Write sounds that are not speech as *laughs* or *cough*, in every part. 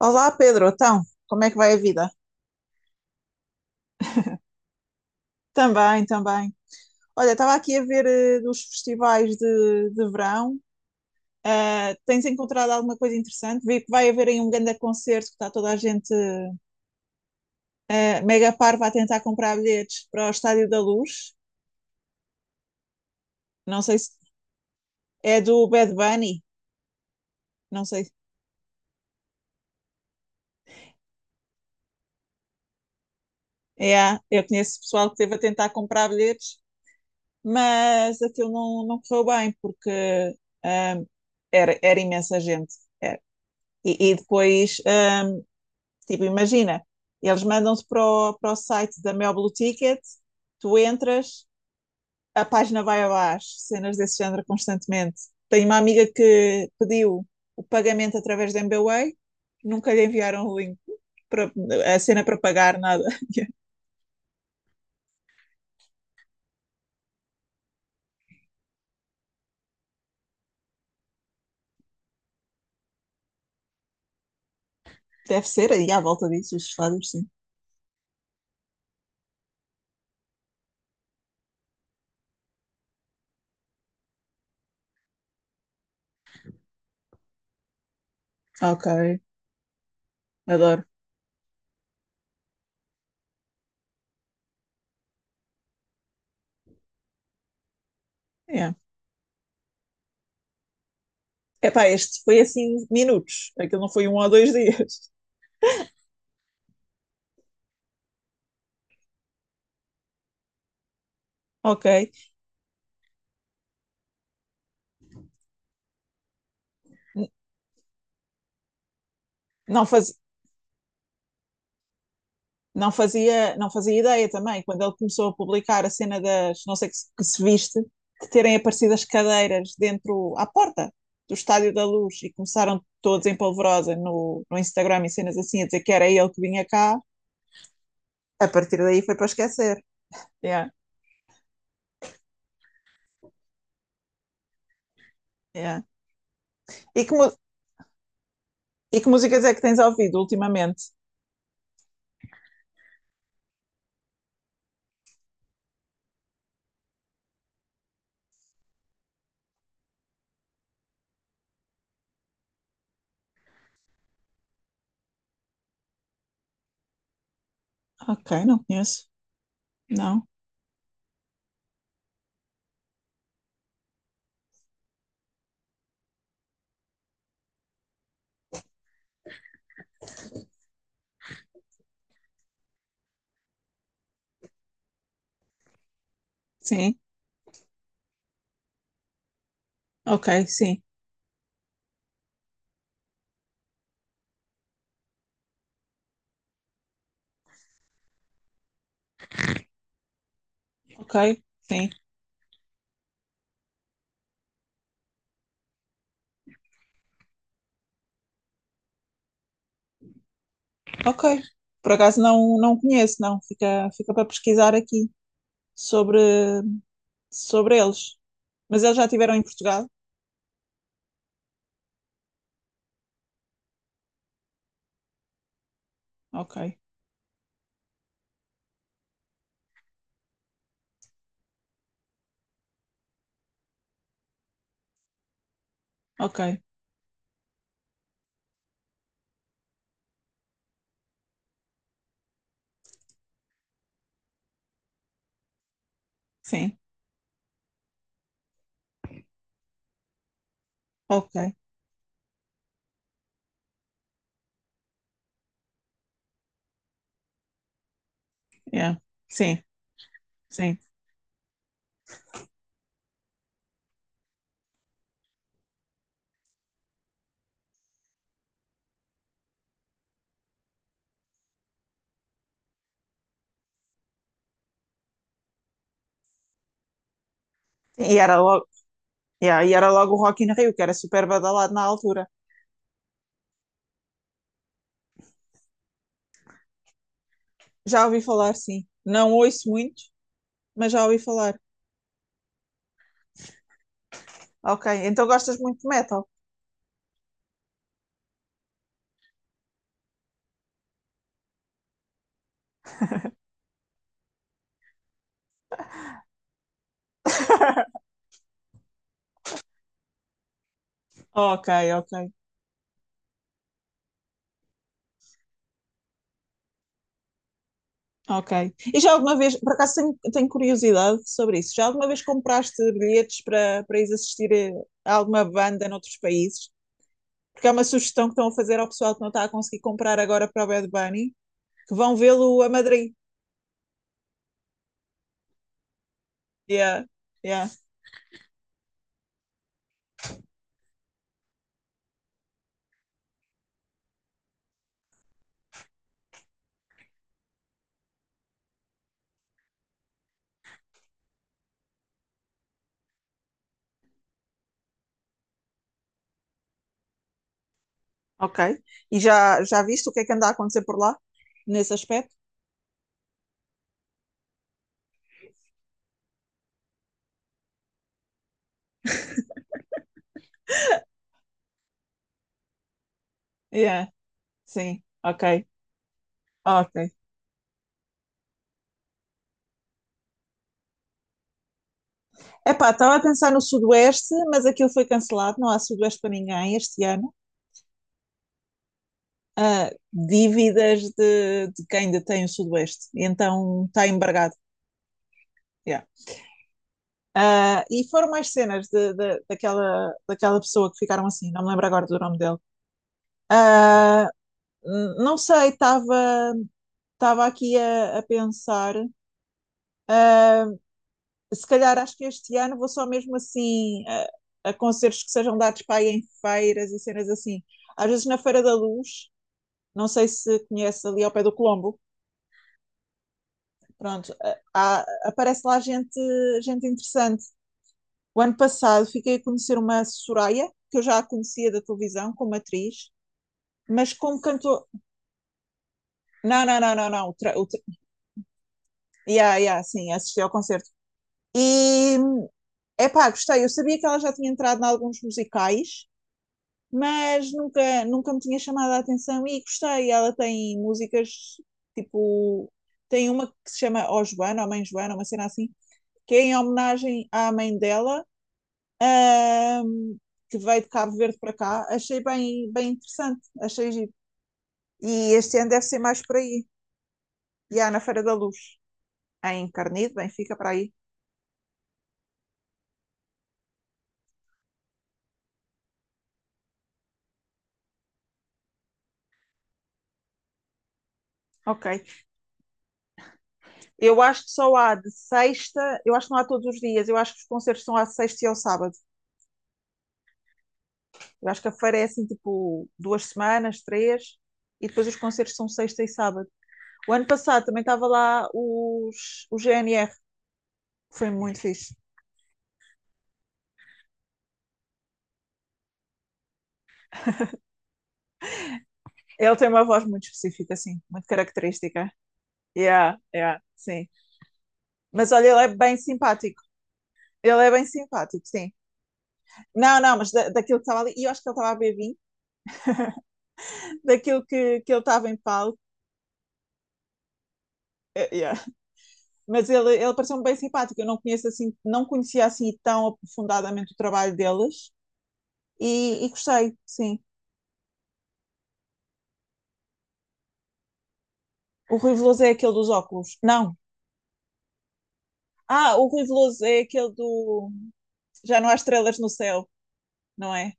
Olá, Pedro. Então, como é que vai a vida? Também, também. Olha, estava aqui a ver dos festivais de verão. Tens encontrado alguma coisa interessante? Vi que vai haver aí um grande concerto que está toda a gente mega parva a tentar comprar bilhetes para o Estádio da Luz. Não sei se é do Bad Bunny. Não sei. É, eu conheço pessoal que esteve a tentar comprar bilhetes, mas aquilo não correu bem porque ah, era imensa gente. Era. E depois, tipo, imagina, eles mandam-se para para o site da Mel Blue Ticket, tu entras, a página vai abaixo, cenas desse género constantemente. Tenho uma amiga que pediu o pagamento através da MBWay, nunca lhe enviaram o link, para, a cena para pagar, nada. Deve ser aí à volta disso, os fados, sim. Ok, adoro. É. Epá, este foi assim minutos, aquilo não foi um ou dois dias. *laughs* Ok. Não faz... não fazia ideia também, quando ele começou a publicar a cena das, não sei que se viste, de terem aparecido as cadeiras dentro, à porta do Estádio da Luz e começaram todos em polvorosa no Instagram e cenas assim a dizer que era ele que vinha cá, a partir daí foi para esquecer. Yeah, yeah. E, que, e que músicas é que tens ouvido ultimamente? Ok, não conheço. Não. Sim. Ok, sim. Ok, sim. Ok. Por acaso não conheço, não. Fica, fica para pesquisar aqui sobre. Sobre eles. Mas eles já estiveram em Portugal? Ok, ok, sim, ok, yeah. Sim, sim. E era logo, yeah, e era logo o Rock in Rio, que era super badalado na altura. Já ouvi falar, sim. Não ouço muito, mas já ouvi falar. Ok, então gostas muito de metal? *laughs* Ok, ok, ok. E já alguma vez, por acaso tenho, tenho curiosidade sobre isso, já alguma vez compraste bilhetes para ir assistir a alguma banda noutros países? Porque é uma sugestão que estão a fazer ao pessoal que não está a conseguir comprar agora para o Bad Bunny, que vão vê-lo a Madrid. Yeah, yeah. Ok. E já, já viste o que é que anda a acontecer por lá? Nesse aspecto? Yeah, sim, ok. Ok. Epá, estava a pensar no Sudoeste, mas aquilo foi cancelado, não há Sudoeste para ninguém este ano. Ah, dívidas de quem detém o Sudoeste, e então está embargado. Yeah. Ah, e foram mais cenas daquela pessoa que ficaram assim, não me lembro agora do nome dele. Ah, não sei, estava aqui a pensar. Se calhar acho que este ano vou só mesmo assim a concertos que sejam dados para aí em feiras e cenas assim. Às vezes na Feira da Luz, não sei se conhece ali ao pé do Colombo, pronto, aparece lá gente, gente interessante. O ano passado fiquei a conhecer uma Soraya, que eu já a conhecia da televisão como atriz, mas como cantor. Não, não, não, não, não. Yeah, yeah, sim, assisti ao concerto. E epá, gostei. Eu sabia que ela já tinha entrado em alguns musicais, mas nunca me tinha chamado a atenção e gostei. Ela tem músicas tipo. Tem uma que se chama Ó Joana, ou Mãe Joana, uma cena assim, que é em homenagem à mãe dela, ahm, que veio de Cabo Verde para cá. Achei bem, bem interessante, achei giro. E este ano deve ser mais por aí. E há na Feira da Luz, em Carnido, Benfica, para aí. Ok. Eu acho que só há de sexta, eu acho que não há todos os dias, eu acho que os concertos são à sexta e ao sábado. Eu acho que a feira é assim, tipo, duas semanas, três, e depois os concertos são sexta e sábado. O ano passado também estava lá o GNR, foi muito fixe. Ele tem uma voz muito específica, assim, muito característica. Yeah, yeah, sim. Mas olha, ele é bem simpático. Ele é bem simpático, sim. Não, não, mas daquilo que estava ali, e eu acho que ele estava a beber vinho, daquilo que ele estava em palco, yeah. Mas ele pareceu-me bem simpático. Eu não conheço assim, não conhecia assim tão aprofundadamente o trabalho deles e gostei, sim. O Rui Veloso é aquele dos óculos. Não. Ah, o Rui Veloso é aquele do Já não há estrelas no céu, não é?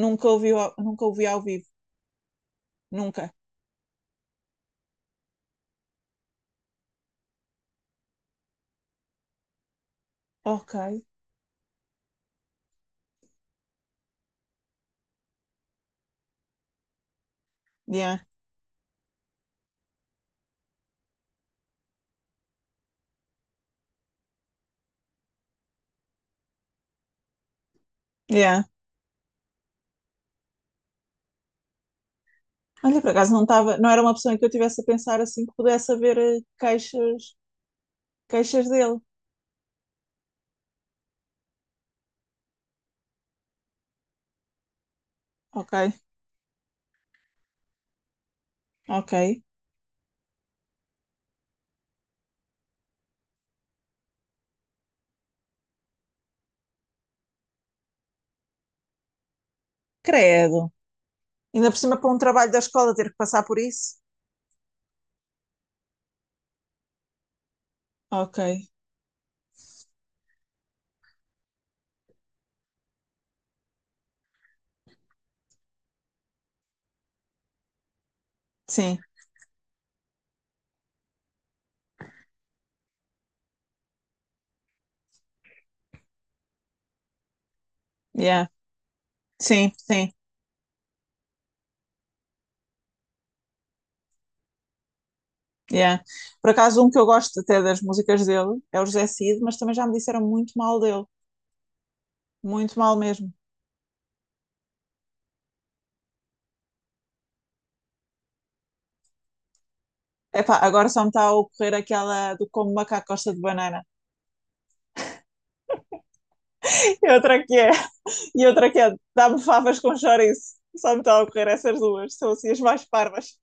Nunca ouvi ao vivo, nunca. Ok. Yeah, yeah. Olha, por acaso não estava, não era uma opção em que eu tivesse a pensar assim que pudesse haver queixas, queixas dele. Ok, ok. Credo. Ainda por cima para um trabalho da escola ter que passar por isso. Ok, sim, yeah, sim, sim, yeah. Por acaso, um que eu gosto até das músicas dele é o José Cid, mas também já me disseram muito mal dele, muito mal mesmo. Epá, agora só me está a ocorrer aquela do como macaco gosta de banana. *laughs* E outra que é, e outra que é, dá-me favas com chouriço. Só me está a ocorrer essas duas, são assim as mais parvas.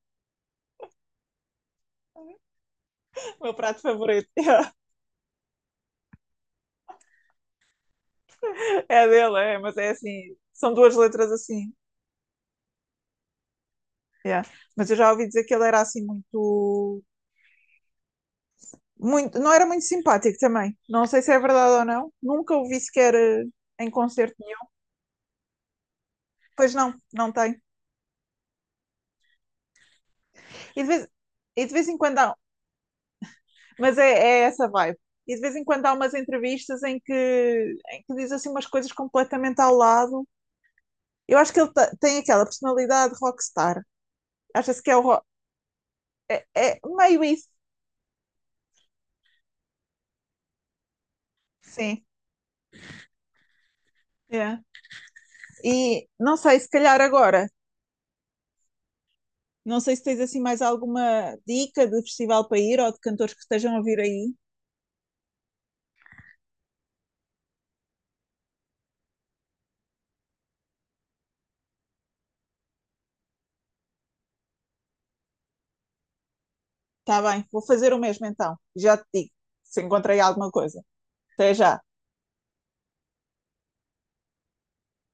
O meu prato favorito. *laughs* É dele, é, mas é assim, são duas letras assim. Yeah. Mas eu já ouvi dizer que ele era assim muito. Muito, não era muito simpático também. Não sei se é verdade ou não. Nunca o vi sequer em concerto nenhum. Pois não, não tem. E de vez, e de vez em quando há, mas é essa vibe. E de vez em quando há umas entrevistas em que diz assim umas coisas completamente ao lado. Eu acho que tem aquela personalidade rockstar. Acha-se que é o rock. É meio isso, sim. Yeah. E não sei, se calhar agora, não sei se tens assim mais alguma dica de festival para ir ou de cantores que estejam a vir aí. Está bem, vou fazer o mesmo então. Já te digo se encontrei alguma coisa. Até já.